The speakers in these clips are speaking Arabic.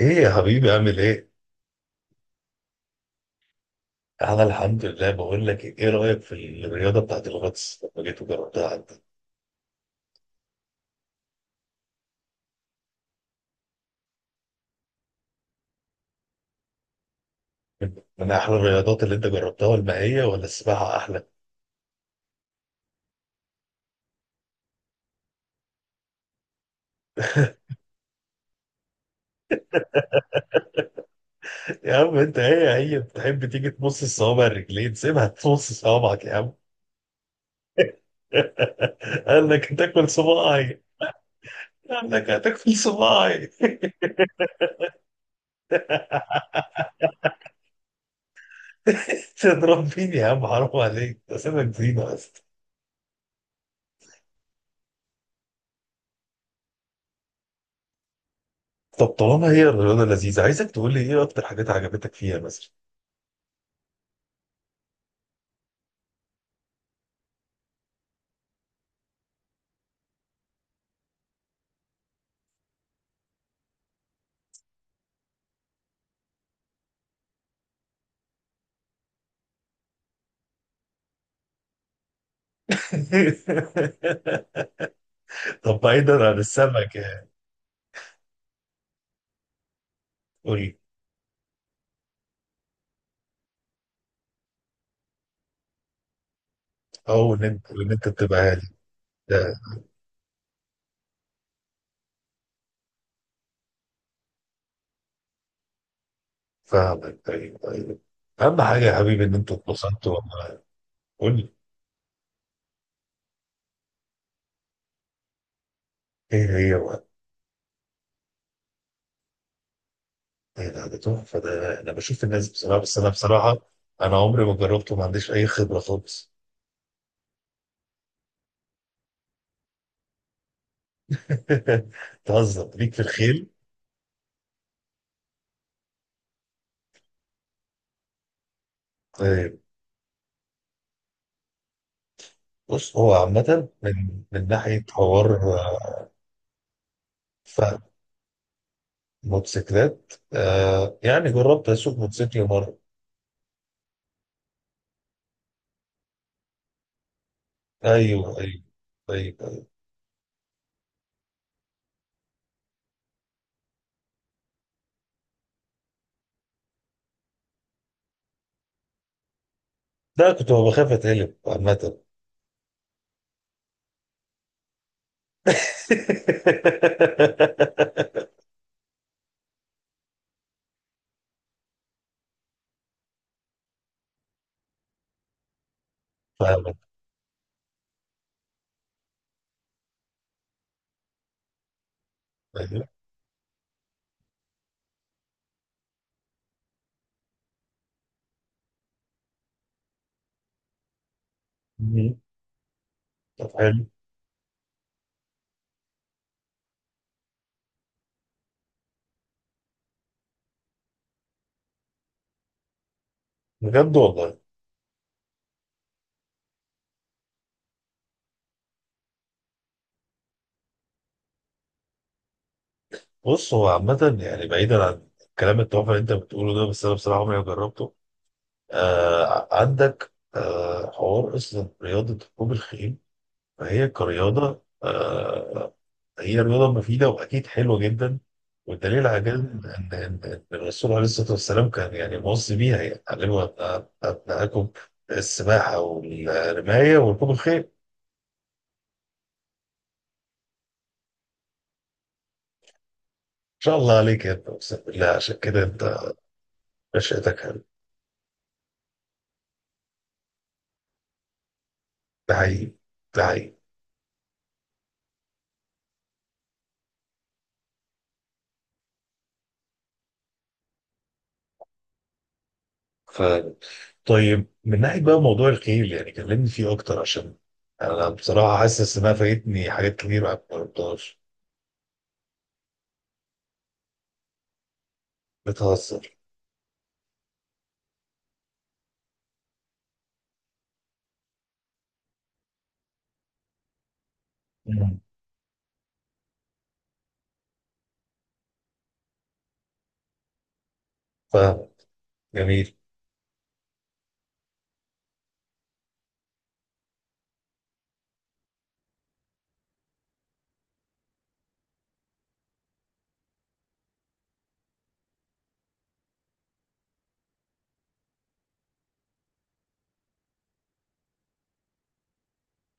ايه يا حبيبي عامل ايه؟ انا الحمد لله. بقول لك ايه رايك في الرياضه بتاعت الغطس لما جيت وجربتها عندك؟ من احلى الرياضات اللي انت جربتها، والمائيه ولا السباحه احلى؟ يا عم انت هي بتحب تيجي تمص الصوابع الرجلين، سيبها تمص صوابعك يا عم. قال لك هتاكل صباعي. قال لك هتاكل صباعي. تضرب مين يا عم، حرام عليك، ده سيبك زينه بس. طب طالما هي الرياضه لذيذه، عايزك تقول لي ايه اكتر حاجات عجبتك فيها مثلا. طب بعيدا عن السمك يعني. قول. او ان انت بتبقى هادي ده. فاهمك، طيب طيب. اهم حاجه يا حبيبي ان انتوا اتبسطتوا والله. قول لي. ايه هي بقى؟ ايه ده؟ ده تحفه ده، انا بشوف الناس بصراحه، بس انا بصراحه انا عمري ما جربته، ما عنديش اي خبره خالص. تهزر ليك في الخيل؟ طيب. بص هو عامه من ناحيه حوار آه، فهم. موتوسيكلات آه، يعني جربت اسوق موتوسيكل مره. ايوه ايوه، طيب. ده كنت بخاف اتقلب عامة. فاهمك فاهم. مم. طب حلو. بجد والله؟ بص هو عامة يعني بعيدا عن الكلام التحفة اللي انت بتقوله ده، بس انا بصراحة عمري ما جربته. آه، عندك آه حوار اصلا. رياضة ركوب الخيل فهي كرياضة آه، هي رياضة مفيدة وأكيد حلوة جدا. والدليل على كده إن إن الرسول عليه الصلاة والسلام كان يعني موصي بيها، يعني علموا أبنائكم السباحة والرماية وركوب الخيل. إن شاء الله عليك يا ابني، أقسم بالله، عشان كده أنت نشأتك حلوة. ده حقيقي، ده حقيقي. ف... طيب من ناحية بقى موضوع الخيل، يعني كلمني فيه أكتر عشان أنا بصراحة حاسس إنها فايتني حاجات كتير ما جربتهاش. بتهزر. مم. فاهم. جميل.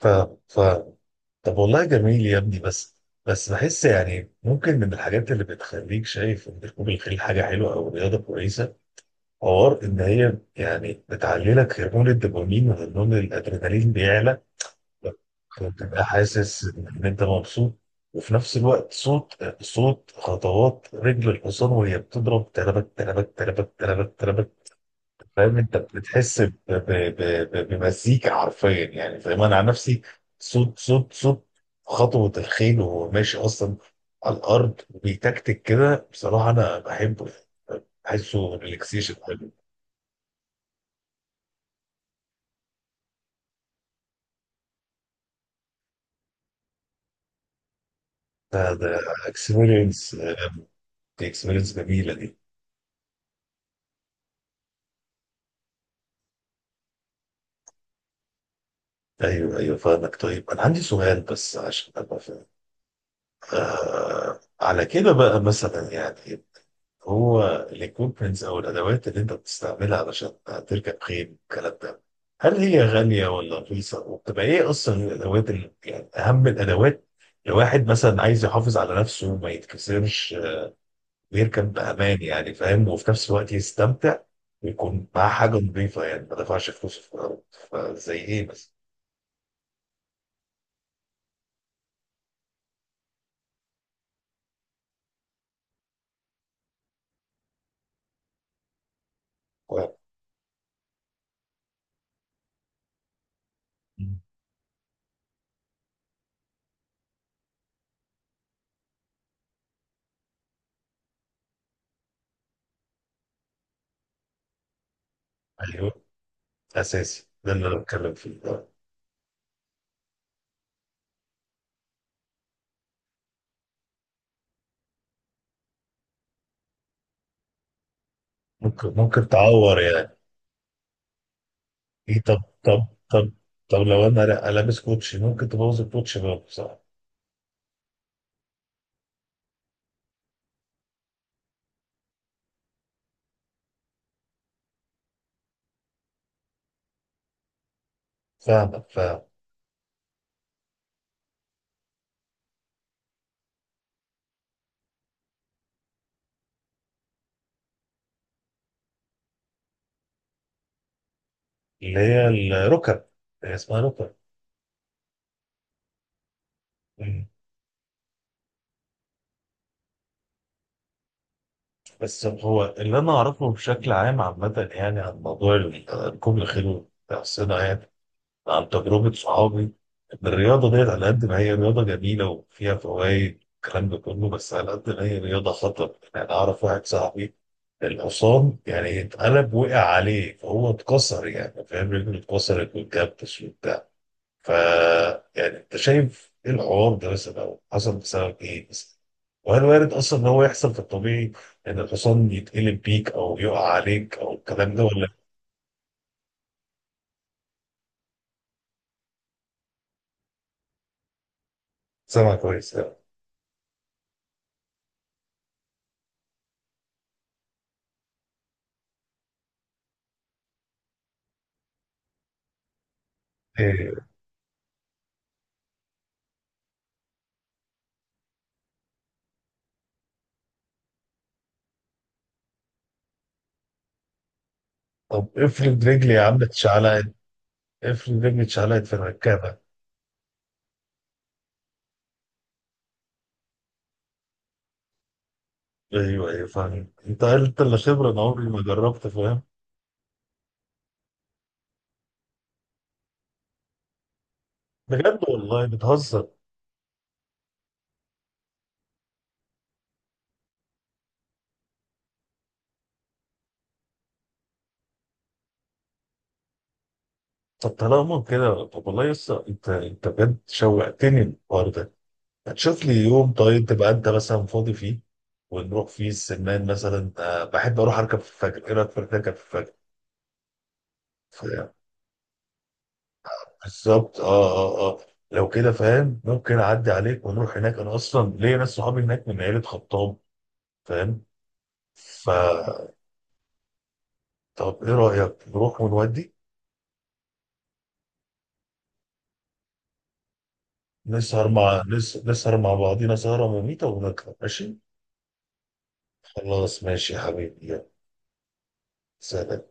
فاهم فاهم. طب والله جميل يا ابني، بس بس بحس يعني ممكن من الحاجات اللي بتخليك شايف ان ركوب الخيل حاجه حلوه او رياضه كويسه، حوار ان هي يعني بتعلي لك هرمون الدوبامين، وهرمون الادرينالين بيعلى. فبتبقى حاسس ان انت مبسوط، وفي نفس الوقت صوت. خطوات رجل الحصان وهي بتضرب، تربك تربك تربك تربك تربك. فاهم انت بتحس بمزيكا حرفيا، يعني فاهم انا عن نفسي. صوت صوت صوت خطوة الخيل وهو ماشي اصلا على الارض، وبيتكتك كده. بصراحة انا بحبه يعني. بحسه ريلاكسيشن حلو. ده اكسبيرينس. دي اكسبيرينس جميلة دي. ايوه ايوه فاهمك. طيب انا عندي سؤال بس عشان ابقى فاهم. آه على كده بقى مثلا، يعني هو الاكويبمنتس او الادوات اللي انت بتستعملها علشان تركب خيل الكلام ده، هل هي غاليه ولا رخيصه؟ وبتبقى ايه اصلا الادوات اللي يعني اهم الادوات لو واحد مثلا عايز يحافظ على نفسه وما يتكسرش آه، ويركب بامان يعني فاهم، وفي نفس الوقت يستمتع ويكون معاه حاجه نظيفه، يعني ما دفعش فلوس في الأرض. فزي ايه مثلا؟ و- ايوه اساسي، ده اللي انا بتكلم فيه. ممكن ممكن تعور يعني؟ ايه، طب طب لو انا لابس كوتشي ممكن تبوظ الكوتشي برضه، صح؟ فاهمك فاهم. اللي هي الركب، هي اسمها ركب. مم. بس هو اللي انا اعرفه بشكل عام عامة يعني عن موضوع ركوب الخيل والحصينة، يعني عن تجربة صحابي، إن الرياضة ديت على قد ما هي رياضة جميلة وفيها فوائد الكلام ده كله، بس على قد ما هي رياضة خطر. يعني أعرف واحد صاحبي الحصان يعني اتقلب وقع عليه، فهو اتكسر يعني فاهم، رجله اتكسرت واتجبس وبتاع. ف يعني أنت شايف إيه الحوار ده مثلا، أو حصل بسبب إيه مثلا؟ وهل وارد أصلا إن هو يحصل في الطبيعي إن الحصان يتقلب بيك أو يقع عليك أو الكلام ده ولا؟ سامع كويس. إيه. طب افرض رجلي يا عم اتشعلقت، افرض رجلي اتشعلقت في الركابة. ايوه ايوه فاهم، انت اللي خبرة، انا عمري ما جربت فاهم. بجد والله؟ بتهزر. طب طالما كده، طب والله يسا انت انت بجد شوقتني الحوار ده. هتشوف لي يوم طيب تبقى انت مثلا فاضي فيه، ونروح فيه السمان مثلا آه، بحب اروح اركب في الفجر. ايه رايك في اركب في الفجر؟ ف- بالظبط اه اه اه. لو كده فاهم ممكن اعدي عليك ونروح هناك، انا اصلا ليا ناس صحابي هناك من عيلة خطاب فاهم. فطب ايه رأيك نروح ونودي؟ نسهر مع نسهر مع بعضينا سهرة مميتة ونطلع ماشي. خلاص ماشي يا حبيبي، يلا. سلام.